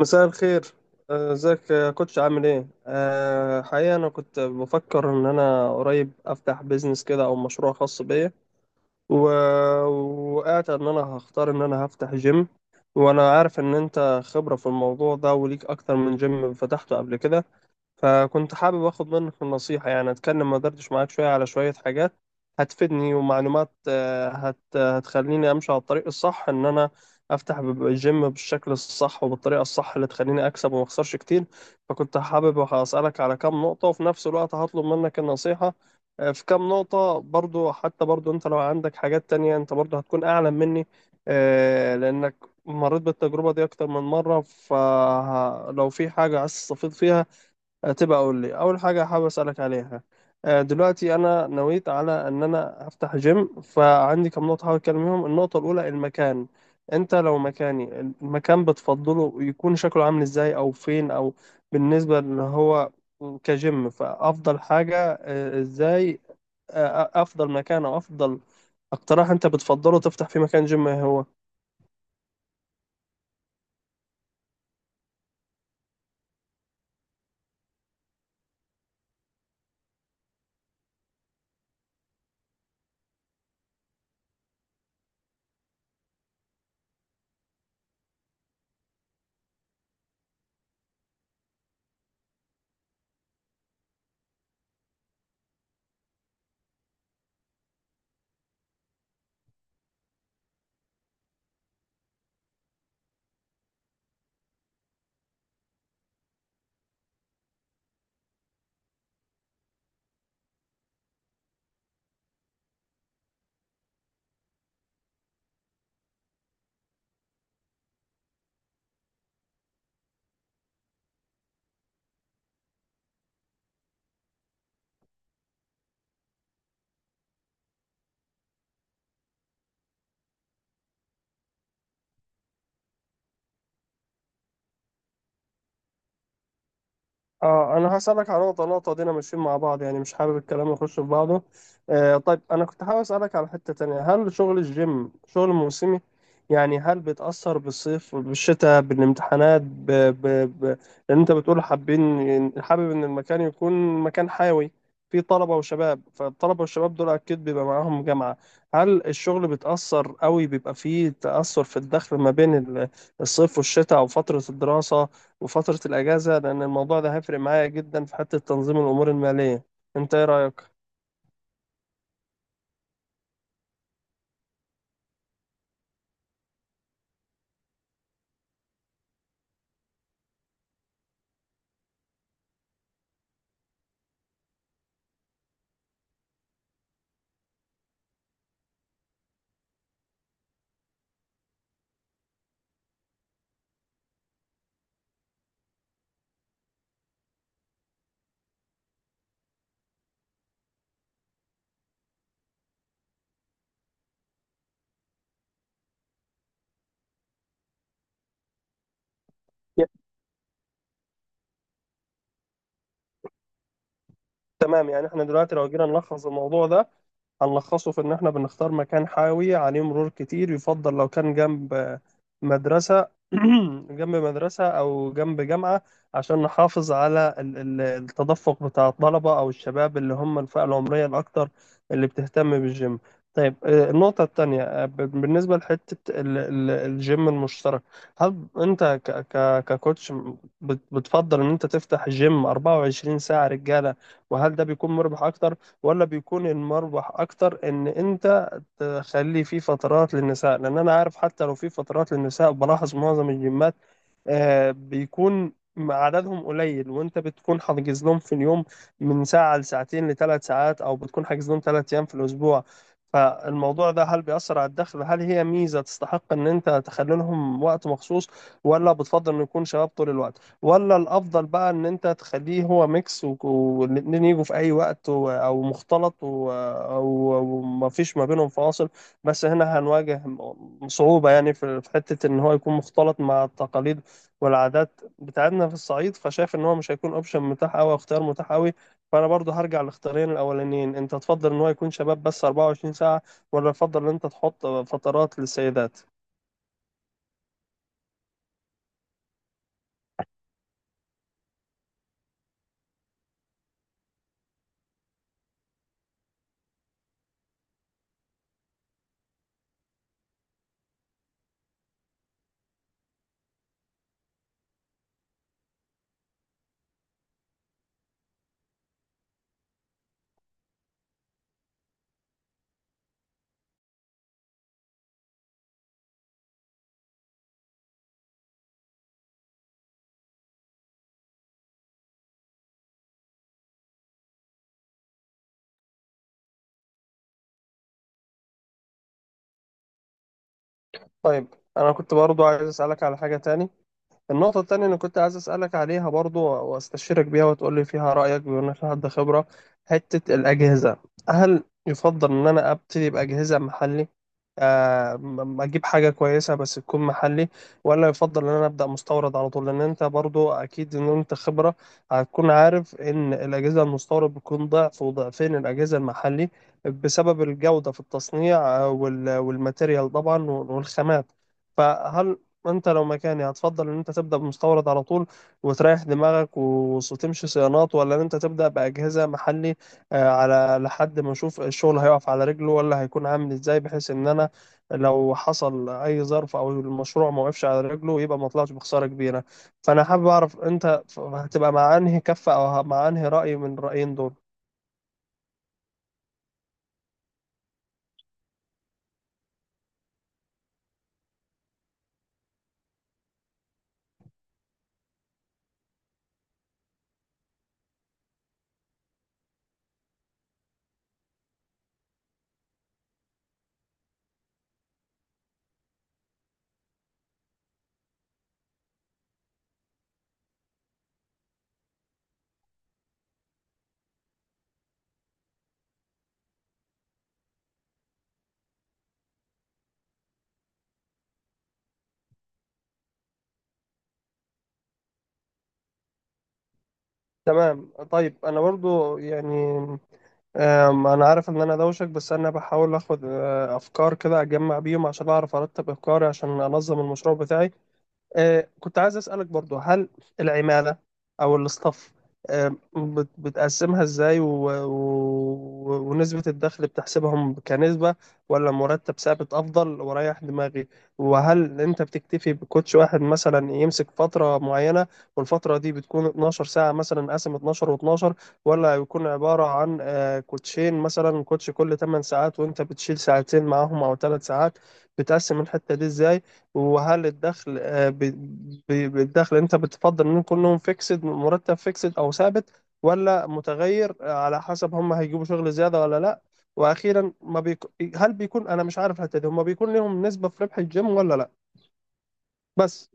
مساء الخير. ازيك يا كوتش، عامل ايه؟ حقيقة انا كنت بفكر ان انا قريب افتح بيزنس كده او مشروع خاص بيا. و- وقعت ان انا هختار ان انا هفتح جيم، وانا عارف ان انت خبرة في الموضوع ده، وليك اكتر من جيم فتحته قبل كده. فكنت حابب اخد منك النصيحة، يعني اتكلم ما دردش معاك شوية على شوية حاجات هتفيدني ومعلومات هتخليني امشي على الطريق الصح، ان انا افتح الجيم بالشكل الصح وبالطريقة الصح اللي تخليني اكسب وما اخسرش كتير. فكنت حابب اسالك على كام نقطة، وفي نفس الوقت هطلب منك النصيحة في كام نقطة برضو. حتى برضو انت لو عندك حاجات تانية انت برضو هتكون اعلم مني، لانك مريت بالتجربة دي اكتر من مرة، فلو في حاجة عايز تستفيد فيها تبقى اقول لي. اول حاجه حابب اسالك عليها، دلوقتي انا نويت على ان انا افتح جيم، فعندي كم نقطه حابب اتكلم فيهم. النقطه الاولى المكان. انت لو مكاني، المكان بتفضله يكون شكله عامل ازاي؟ او فين؟ او بالنسبه ان هو كجيم فافضل حاجه ازاي؟ افضل مكان او افضل اقتراح انت بتفضله تفتح في مكان جيم إيه هو؟ اه، انا هسألك على نقطة نقطة دينا ماشيين مع بعض، يعني مش حابب الكلام يخش في بعضه. آه، طيب انا كنت حابب أسألك على حتة تانية، هل شغل الجيم شغل موسمي؟ يعني هل بيتأثر بالصيف، بالشتاء، بالامتحانات، ب... لان انت بتقول حابب ان المكان يكون مكان حيوي فيه طلبة وشباب، فالطلبة والشباب دول اكيد بيبقى معاهم جامعة. هل الشغل بيتأثر قوي؟ بيبقى فيه تأثر في الدخل ما بين الصيف والشتاء، او فترة الدراسة وفترة الأجازة؟ لأن الموضوع ده هيفرق معايا جدا في حتة تنظيم الأمور المالية. أنت إيه رأيك؟ يا- تمام، يعني إحنا دلوقتي لو جينا نلخص الموضوع ده هنلخصه في إن إحنا بنختار مكان حيوي عليه مرور كتير، يفضل لو كان جنب مدرسة جنب مدرسة أو جنب جامعة، عشان نحافظ على التدفق بتاع الطلبة أو الشباب اللي هم الفئة العمرية الأكتر اللي بتهتم بالجيم. طيب، النقطة التانية، بالنسبة لحتة الجيم المشترك. هل أنت ككوتش بتفضل إن أنت تفتح جيم 24 ساعة رجالة؟ وهل ده بيكون مربح أكتر، ولا بيكون المربح اكتر ان انت تخلي في فترات للنساء؟ لان انا عارف حتى لو في فترات للنساء بلاحظ معظم الجيمات بيكون عددهم قليل، وانت بتكون حاجز لهم في اليوم من ساعة لساعتين لثلاث ساعات، او بتكون حاجز لهم ثلاث ايام في الاسبوع. فالموضوع ده هل بيأثر على الدخل؟ هل هي ميزة تستحق ان انت تخلي لهم وقت مخصوص؟ ولا بتفضل ان يكون شباب طول الوقت؟ ولا الافضل بقى ان انت تخليه هو ميكس والاتنين يجوا في اي وقت، او مختلط، او ما فيش ما بينهم فاصل؟ بس هنا هنواجه صعوبة، يعني في حتة ان هو يكون مختلط مع التقاليد والعادات بتاعتنا في الصعيد، فشايف ان هو مش هيكون اوبشن متاح قوي، اختيار متاح قوي. فانا برضو هرجع للاختيارين الاولانيين، انت تفضل ان هو يكون شباب بس 24 ساعة؟ ولا تفضل ان انت تحط فترات للسيدات؟ طيب، انا كنت برضو عايز اسالك على حاجة تاني. النقطة التانية اللي كنت عايز أسألك عليها برضو وأستشيرك بيها وتقولي فيها رأيك، بما إنك حد خبرة، حتة الأجهزة. هل يفضل إن أنا أبتدي بأجهزة محلي، أجيب حاجة كويسة بس تكون محلي؟ ولا يفضل إن أنا أبدأ مستورد على طول؟ لأن أنت برضو أكيد إن أنت خبرة، هتكون عارف إن الأجهزة المستورد بتكون ضعف وضعفين الأجهزة المحلي بسبب الجودة في التصنيع، والماتيريال طبعا والخامات. فهل انت لو مكاني هتفضل ان انت تبدا بمستورد على طول وتريح دماغك وتمشي صيانات، ولا ان انت تبدا باجهزه محلي على لحد ما اشوف الشغل هيقف على رجله ولا هيكون عامل ازاي، بحيث ان انا لو حصل اي ظرف او المشروع ما وقفش على رجله يبقى ما طلعش بخساره كبيره؟ فانا حابب اعرف انت هتبقى مع انهي كفه، او مع انهي راي من الرايين دول؟ تمام. طيب انا برضو يعني، انا عارف ان انا دوشك، بس انا بحاول اخد افكار كده اجمع بيهم عشان اعرف ارتب افكاري عشان انظم المشروع بتاعي. كنت عايز أسألك برضو هل العمالة أو الاستاف بتقسمها إزاي؟ ونسبة الدخل بتحسبهم كنسبة، ولا مرتب ثابت أفضل وريح دماغي؟ وهل أنت بتكتفي بكوتش واحد مثلا يمسك فترة معينة، والفترة دي بتكون 12 ساعة مثلا، قسم 12 و12؟ ولا بيكون عبارة عن كوتشين، مثلا كوتش كل 8 ساعات وأنت بتشيل ساعتين معاهم أو 3 ساعات؟ بتقسم الحتة دي إزاي؟ وهل الدخل، بالدخل انت بتفضل ان كلهم فيكسد، مرتب فيكسد او ثابت، ولا متغير على حسب هم هيجيبوا شغل زيادة ولا لا؟ واخيرا، ما بيك... هل بيكون، انا مش عارف الحتة دي، هم بيكون لهم نسبة في ربح الجيم ولا لا؟ بس.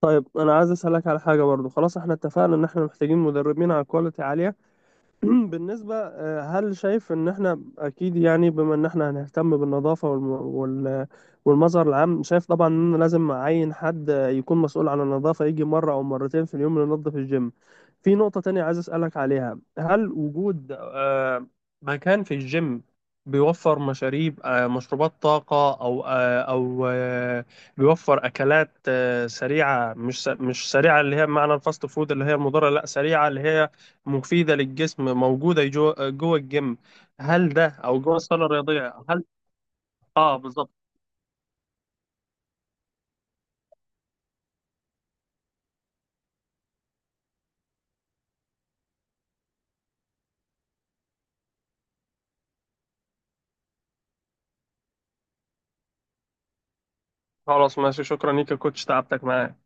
طيب انا عايز اسالك على حاجة برضو. خلاص احنا اتفقنا ان احنا محتاجين مدربين على كواليتي عالية. بالنسبة هل شايف إن إحنا أكيد، يعني بما إن إحنا هنهتم بالنظافة وال- والمظهر العام، شايف طبعا إن لازم أعين حد يكون مسؤول عن النظافة، يجي مرة أو مرتين في اليوم ينظف الجيم؟ في نقطة تانية عايز أسألك عليها، هل وجود مكان في الجيم بيوفر مشاريب، مشروبات طاقة، أو آه، أو آه، بيوفر أكلات سريعة، مش مش سريعة اللي هي بمعنى الفاست فود اللي هي مضرة، لا سريعة اللي هي مفيدة للجسم، موجودة جوه الجيم؟ هل ده أو جوه الصالة الرياضية، هل؟ آه، بالظبط. خلاص ماشي، شكرا ليك يا كوتش، تعبتك معايا.